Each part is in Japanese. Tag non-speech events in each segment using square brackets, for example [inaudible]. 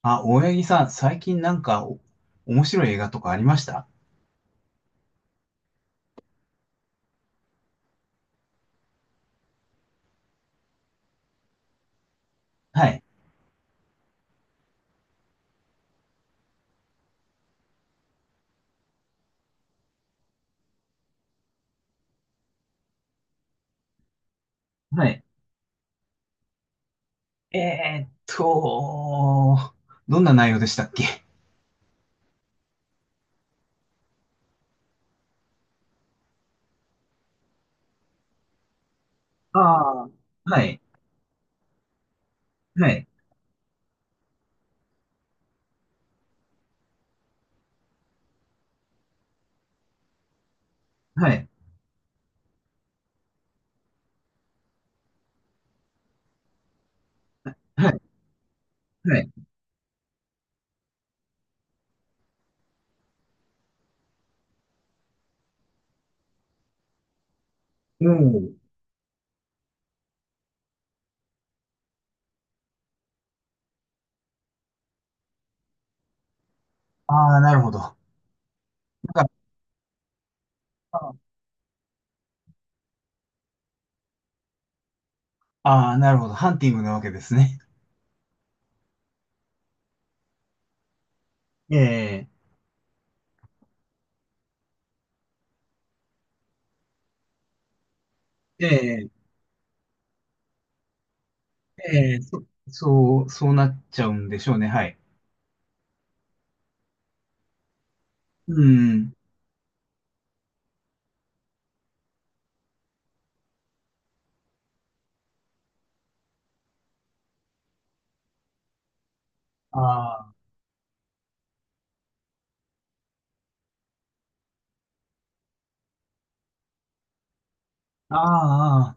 あ、大八木さん、最近なんか面白い映画とかありました？はい。はい。えーっと、どんな内容でしたっけ？ああー、はい、はい、はい、はい、はい。うん。ああ、なるほど。なんか、ああ、なるほど。ハンティングなわけですね。ええ、ええ、ええ、そう、そうなっちゃうんでしょうね。はい。うん。ああ、あ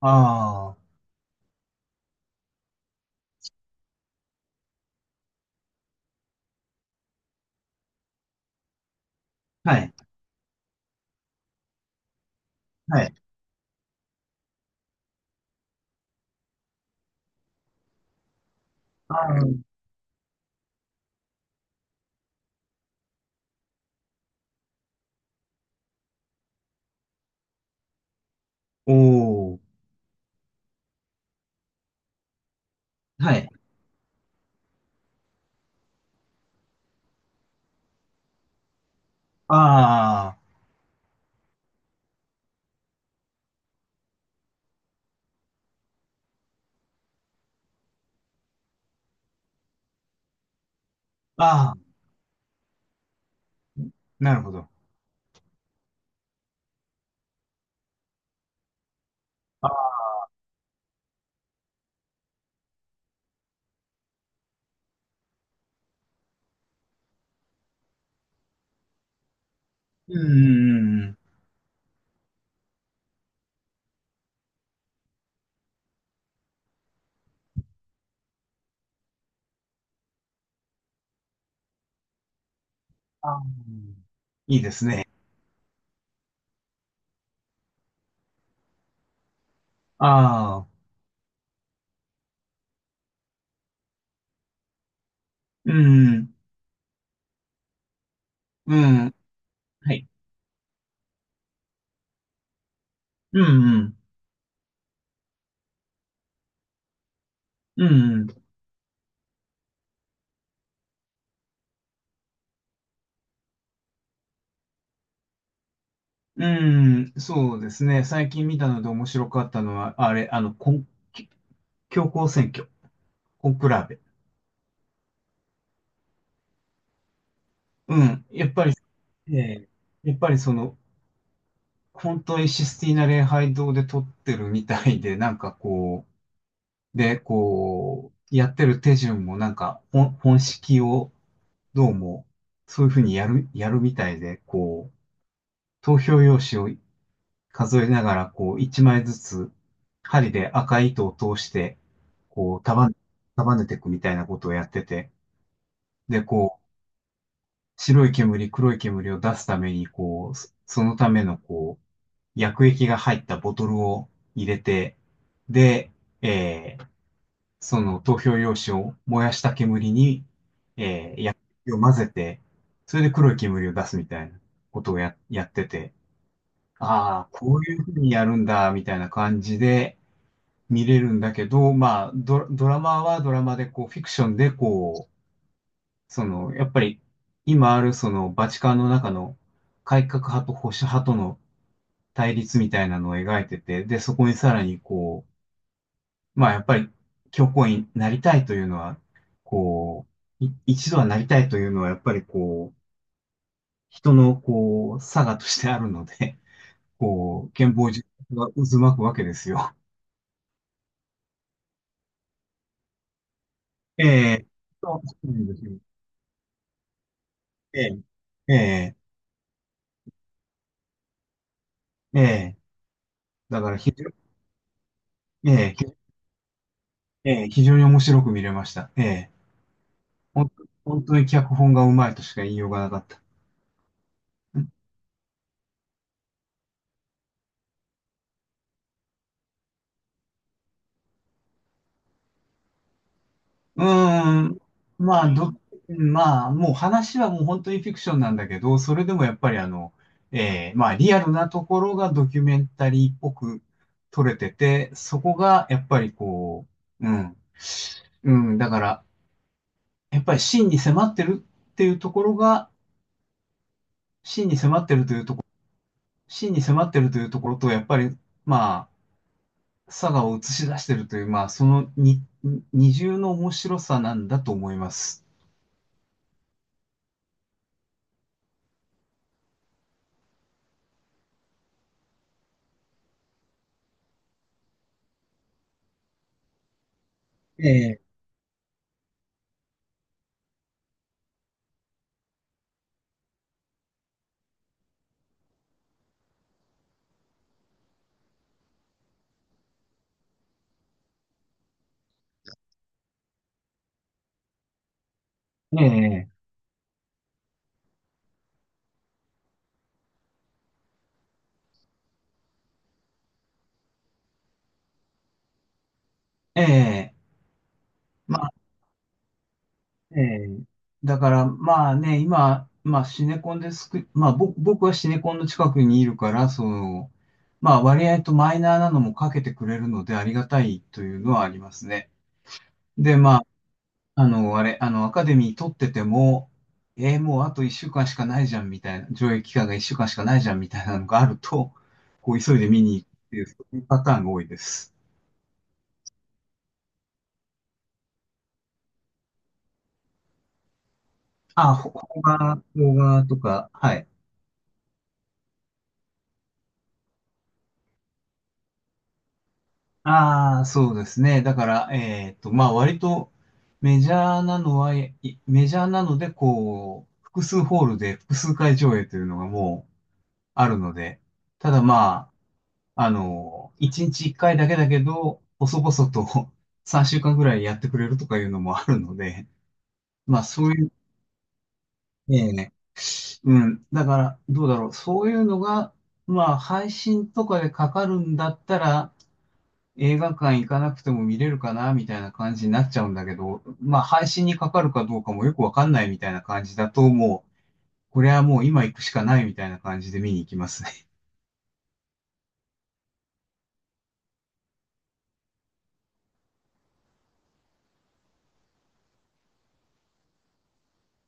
あ、ああ、はい、はい。ああ、おお、はい。ああ、ああ、なるほど。ああ、うんうんうんうん。ああ、いいですね。ああ、うん、うん、はい。うん、うん、うん、うん、うんそうですね。最近見たので面白かったのは、あれ、あの、コン、教皇選挙、コンクラーベ。うん、えーやっぱりその、本当にシスティーナ礼拝堂で撮ってるみたいで、なんかこう、で、こう、やってる手順もなんか、本式を、どうも、そういうふうにやるみたいで、こう、投票用紙を数えながら、こう、一枚ずつ、針で赤い糸を通して、こう、束ねていくみたいなことをやってて、で、こう、白い煙、黒い煙を出すために、こう、そそのための、こう、薬液が入ったボトルを入れて、で、えーその投票用紙を燃やした煙に、えーを混ぜて、それで黒い煙を出すみたいなことをやってて、ああ、こういうふうにやるんだ、みたいな感じで見れるんだけど、まあ、ドラマはドラマで、こう、フィクションで、こう、その、やっぱり、今ある、その、バチカンの中の改革派と保守派との対立みたいなのを描いてて、で、そこにさらに、こう、まあ、やっぱり、教皇になりたいというのは、こう、一度はなりたいというのは、やっぱりこう、人のこう、差がとしてあるので、[laughs] こう、憲法自体が渦巻くわけですよ。ええ、そうなんですよ。ええ、ええ、ええ、だから非常に、ええ、非常に面白く見れました。ええ、ほん本当に脚本がうまいとしか言いようがなかった。うーん。まあ、もう話はもう本当にフィクションなんだけど、それでもやっぱりあの、まあ、リアルなところがドキュメンタリーっぽく撮れてて、そこがやっぱりこう、うん。うん、だから、やっぱり真に迫ってるっていうところが、真に迫ってるというところ、真に迫ってるというところと、やっぱり、まあ、佐賀を映し出してるという、まあ、その二重の面白さなんだと思います。ええ。ええええ、まあ、ええ。だから、まあね、今、まあシネコンですく、まあ僕はシネコンの近くにいるから、その、まあ割合とマイナーなのもかけてくれるのでありがたいというのはありますね。で、まあ、あの、あれ、あの、アカデミー取ってても、もうあと1週間しかないじゃんみたいな、上映期間が1週間しかないじゃんみたいなのがあると、こう急いで見に行くっていう、そういうパターンが多いです。あ、邦画とか、はい。ああ、そうですね。だから、まあ、割とメジャーなのは、いメジャーなので、こう、複数ホールで複数回上映というのがもうあるので、ただまあ、あの、1日1回だけだけど、細々と [laughs] 3週間ぐらいやってくれるとかいうのもあるので、まあ、そういう、ね、うん。だから、どうだろう。そういうのが、まあ、配信とかでかかるんだったら、映画館行かなくても見れるかなみたいな感じになっちゃうんだけど、まあ配信にかかるかどうかもよくわかんないみたいな感じだと、もう、これはもう今行くしかないみたいな感じで見に行きますね。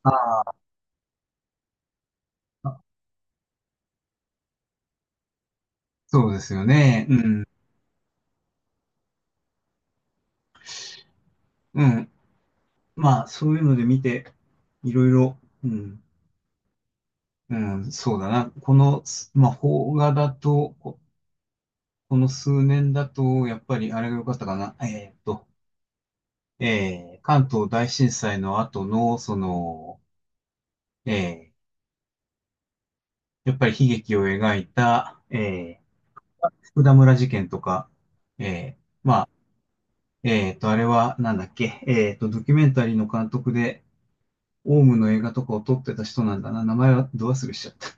[laughs] ああ、そうですよね。うん。うん。まあそういうので見て、いろいろ、うん。うん、そうだな。この、まあ邦画だと、この数年だと、やっぱりあれが良かったかな。関東大震災の後の、その、えーやっぱり悲劇を描いた、福田村事件とか、えあれはなんだっけ、ドキュメンタリーの監督で、オウムの映画とかを撮ってた人なんだな。名前はど忘れしちゃった。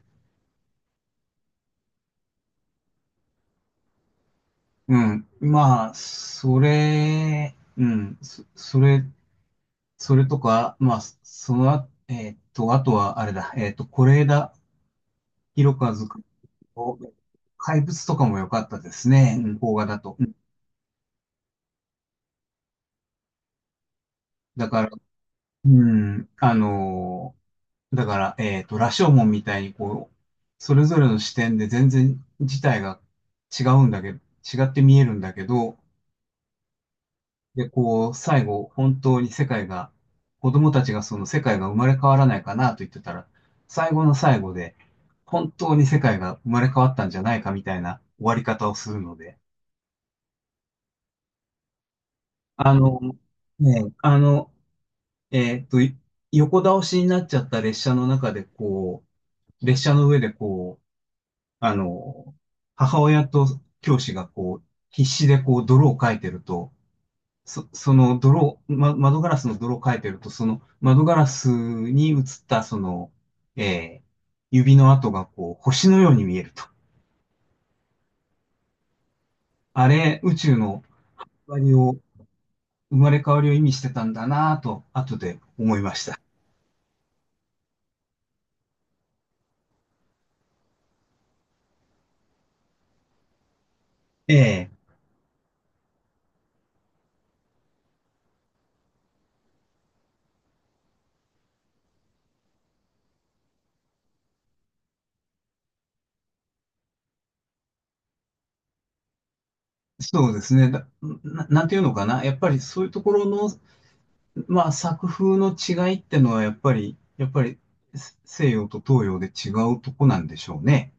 うん。まあ、うん、それとか、まあ、あとはあれだ、是枝裕和監督の怪物とかも良かったですね、うん邦画だと。だから、うん、あのーだから、羅生門みたいにこう、それぞれの視点で全然事態が違うんだけど、違って見えるんだけど、で、こう、最後、本当に世界が、子供たちがその世界が生まれ変わらないかなと言ってたら、最後の最後で、本当に世界が生まれ変わったんじゃないかみたいな終わり方をするので、あの、ね、あの、えっと、い横倒しになっちゃった列車の中で、こう、列車の上でこう、あの、母親と教師がこう、必死でこう、泥をかいてると、その泥を、窓ガラスの泥をかいてると、その窓ガラスに映ったその、えー指の跡がこう、星のように見えると。あれ、宇宙の終わりを、生まれ変わりを意味してたんだなぁと、後で思いました。ええ、そうですね。なんていうのかな。やっぱりそういうところのまあ作風の違いってのはやっぱり西洋と東洋で違うとこなんでしょうね。